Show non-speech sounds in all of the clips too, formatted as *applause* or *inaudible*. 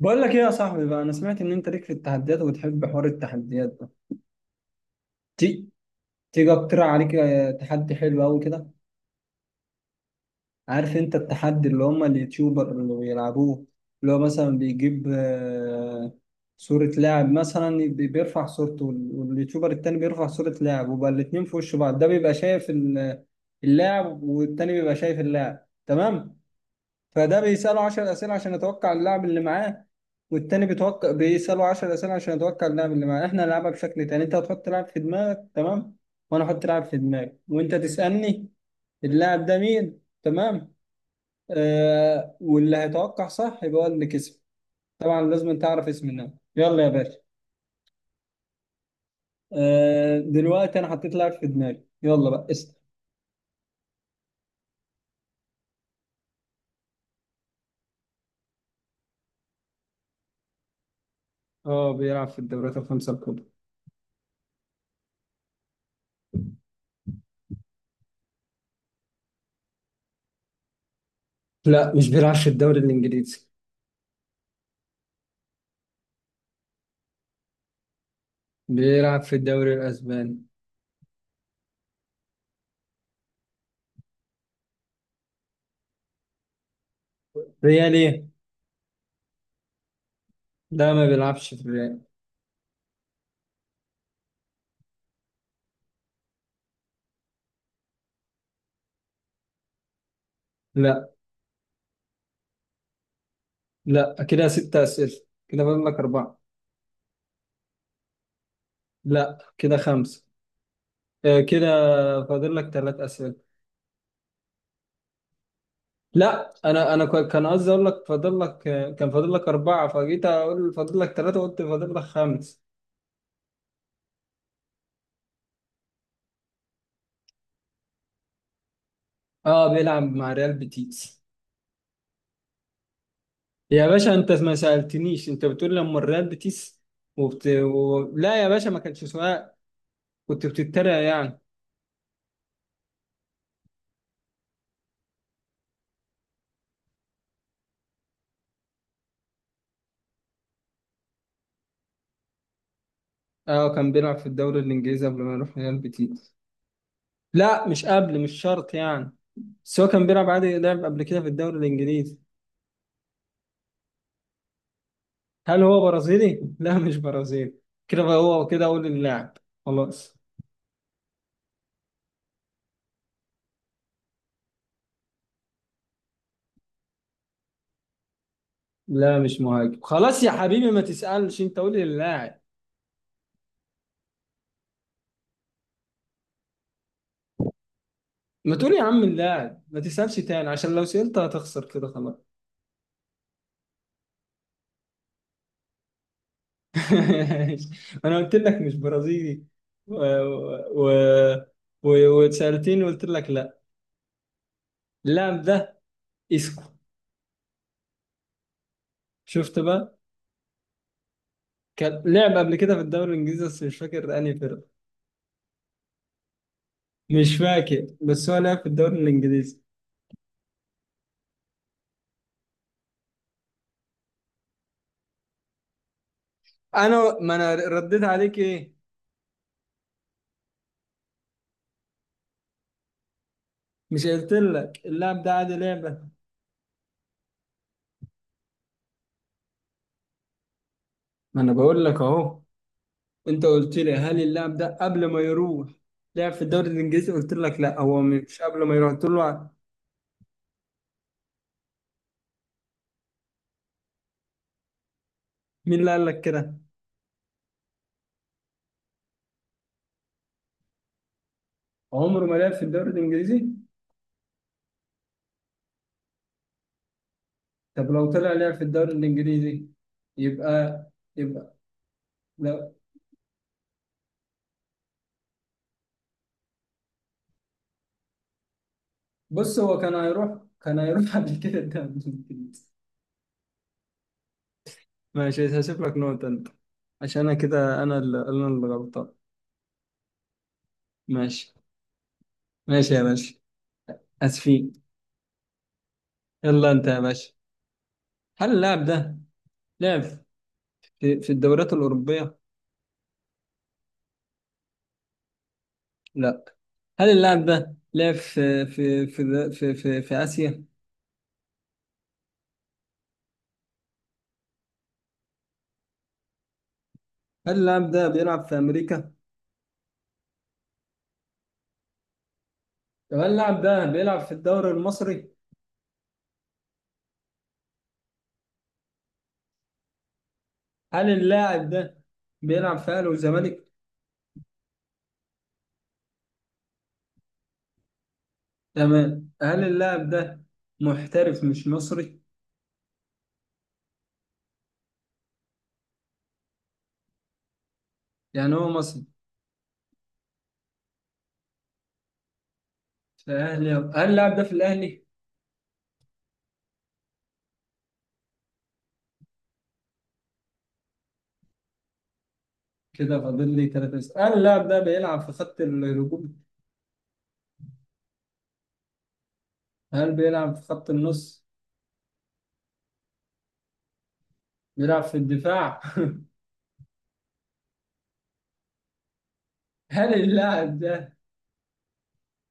بقول لك ايه يا صاحبي بقى، انا سمعت ان انت ليك في التحديات وبتحب حوار التحديات ده. تي تيجي اقترح عليك تحدي حلو قوي كده. عارف انت التحدي اللي هم اليوتيوبر اللي بيلعبوه؟ اللي هو مثلا بيجيب صورة لاعب، مثلا بيرفع صورته واليوتيوبر التاني بيرفع صورة لاعب، وبقى الاتنين في وش بعض، ده بيبقى شايف اللاعب والتاني بيبقى شايف اللاعب، تمام؟ فده بيسأله 10 أسئلة عشان يتوقع اللاعب اللي معاه، والتاني بيتوقع بيسأله 10 أسئلة عشان يتوقع اللاعب اللي معاه. احنا نلعبها بشكل تاني، انت هتحط لاعب في دماغك، تمام؟ وانا احط لاعب في دماغي، وانت تسألني اللاعب ده مين، تمام؟ آه، واللي هيتوقع صح يبقى هو اللي كسب. طبعا لازم تعرف اسم اللاعب. يلا يا باشا. آه دلوقتي انا حطيت لاعب في دماغي، يلا بقى اسأل. اه بيلعب في الدوريات الخمسة الكبرى. لا مش بيلعب في الدوري الإنجليزي. بيلعب في الدوري الأسباني. ريال ايه؟ لا ما بيلعبش في الريال. لا. لا كده ستة أسئلة، كده فاضل لك أربعة. لا كده خمسة. كده فاضل لك ثلاث أسئلة. لا أنا كان قصدي أقول لك فاضل لك كان فاضل لك أربعة، فجيت أقول فاضل لك ثلاثة، قلت فاضل لك خمس. أه بيلعب مع ريال بيتيس. يا باشا أنت ما سألتنيش، أنت بتقول لما الريال بيتيس لا يا باشا، ما كانش سؤال، كنت بتتريق يعني. أه كان بيلعب في الدوري الإنجليزي قبل ما يروح ريال بيتيس. لا مش قبل، مش شرط يعني، بس هو كان بيلعب عادي، لعب قبل كده في الدوري الانجليزي. هل هو برازيلي؟ لا مش برازيلي. كده بقى هو كده اقول اللاعب. خلاص. لا مش مهاجم، خلاص يا حبيبي ما تسألش، انت قول اللاعب. ما تقول يا عم اللاعب، ما تسألش تاني عشان لو سألت هتخسر كده خلاص. *laughs* انا قلت لك مش برازيلي و... و... و... وسألتني وقلت لك لا. اللاعب ده اسكو. شفت بقى. كان لعب قبل كده في الدوري الانجليزي، بس مش فاكر انهي فرقه. مش فاكر، بس هو لعب في الدوري الانجليزي. انا ما انا رديت عليك ايه؟ مش قلت لك اللاعب ده عادي لعبه؟ ما انا بقول لك اهو، انت قلت لي هل اللاعب ده قبل ما يروح لعب في الدوري الانجليزي، قلت لك لا، هو مش قبل ما يروح قلت له. مين اللي قال لك كده؟ عمره ما لعب في الدوري الانجليزي. طب لو طلع لعب في الدوري الانجليزي يبقى. يبقى لا بص، هو كان هيروح، كان هيروح *laughs* قبل كده الدوري الانجليزي. ماشي هسيب لك نقطة أنت، عشان أنا كده أنا اللي غلطان. ماشي. ماشي يا باشا، آسفين. يلا أنت يا باشا، هل اللاعب ده لعب في الدوريات الأوروبية؟ لا. هل اللاعب ده لعب في آسيا؟ هل اللاعب ده بيلعب في أمريكا؟ طب هل اللاعب ده بيلعب في الدوري المصري؟ هل اللاعب ده بيلعب في أهلي وزمالك؟ تمام. هل اللاعب ده محترف مش مصري؟ يعني هو مصري. في أهلي، هل اللاعب ده في الأهلي؟ كده فاضل لي ثلاثة أسئلة. هل اللاعب ده بيلعب في خط الهجوم؟ هل بيلعب في خط النص؟ بيلعب في الدفاع؟ *laughs* هل اللاعب ده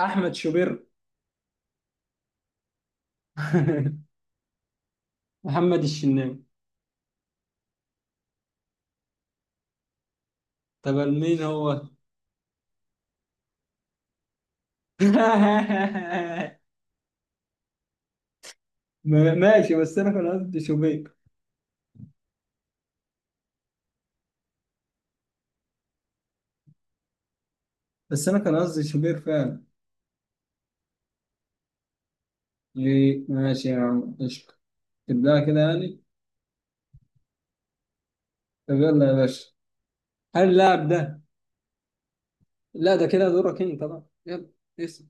أحمد شوبير؟ *laughs* محمد الشناوي. طب مين هو؟ *laughs* ماشي، بس أنا كان قصدي شوبير. بس أنا كان قصدي شوبير فعلا. ليه؟ ماشي يا عم قشطة، تبدأ كده يعني؟ طب يلا يا باشا، هل اللاعب ده؟ لا ده كده دورك أنت بقى، يلا اسأل.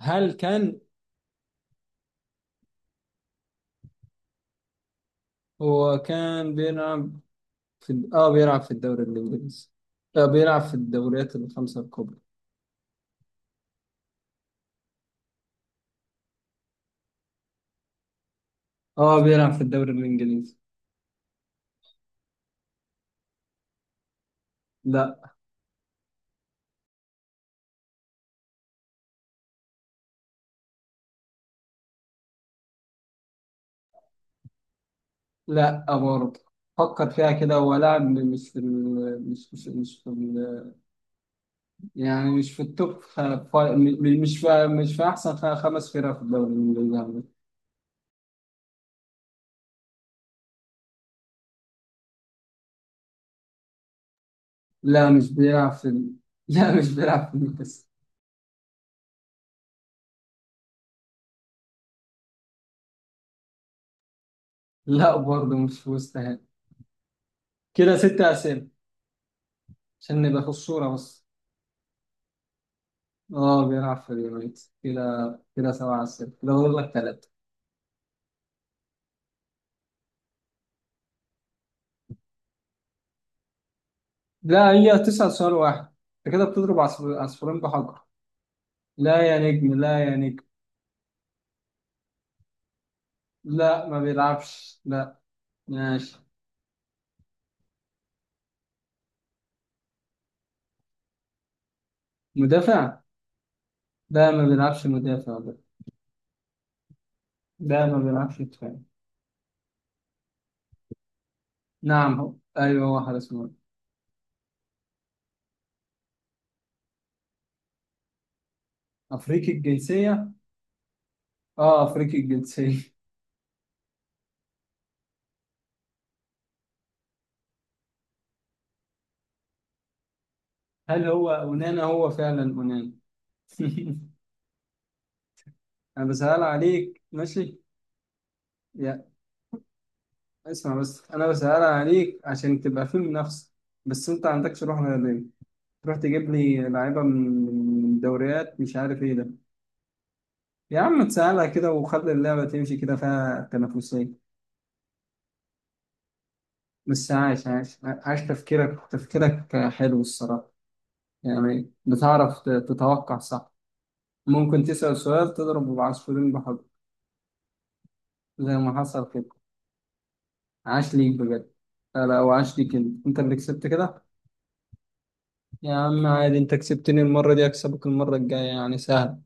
هل كان هو كان بيلعب في اه بيلعب في الدوري الانجليزي. آه بيلعب في الدوريات الخمسة الكبرى. اه بيلعب في الدوري الانجليزي. لا. لا برضه. فكر فيها كده، هو لاعب مش في ال... مش مش في ال... يعني مش في التوب خ... ف... مش في، مش في احسن خ... خمس فرق في الدوري الانجليزي عامة. لا مش بيلعب في ال... *laughs* لا مش بيلعب في نيوكاسل. لا برضه مش في وست هام. كده ست اسئله، عشان نبقى في الصوره بس. اه بيلعب في اليونايتد كده، كده سبعة أسئلة، كده فاضل لك ثلاثة. لا هي تسأل سؤال واحد، انت كده بتضرب عصفورين بحجر. لا يا نجم، لا يا نجم. لا ما بيلعبش، لا. ماشي. مدافع؟ لا ما بيلعبش مدافع ده. لا ما بيلعبش مدافع. نعم هو، ايوه هو حارس مرمى. افريقي الجنسية. اه افريقي الجنسية. *laughs* هل هو اونانا؟ هو فعلا اونانا. *laughs* انا بسأل عليك ماشي يا. اسمع بس، انا بسأل عليك عشان تبقى في منافسة، بس انت عندكش روح رياضية، تروح تجيب لي لعيبة من من دوريات مش عارف ايه ده. يا عم تسهلها كده وخلي اللعبة تمشي كده فيها تنافسية. بس عاش عاش عاش، تفكيرك حلو الصراحة. يعني بتعرف تتوقع صح، ممكن تسأل سؤال تضرب بعصفورين بحجر زي ما حصل كده. عاش ليك بجد. لا لا وعاش ليك انت، انت اللي كسبت كده. يا عم عادي، انت كسبتني المرة دي اكسبك المرة الجاية، يعني سهل.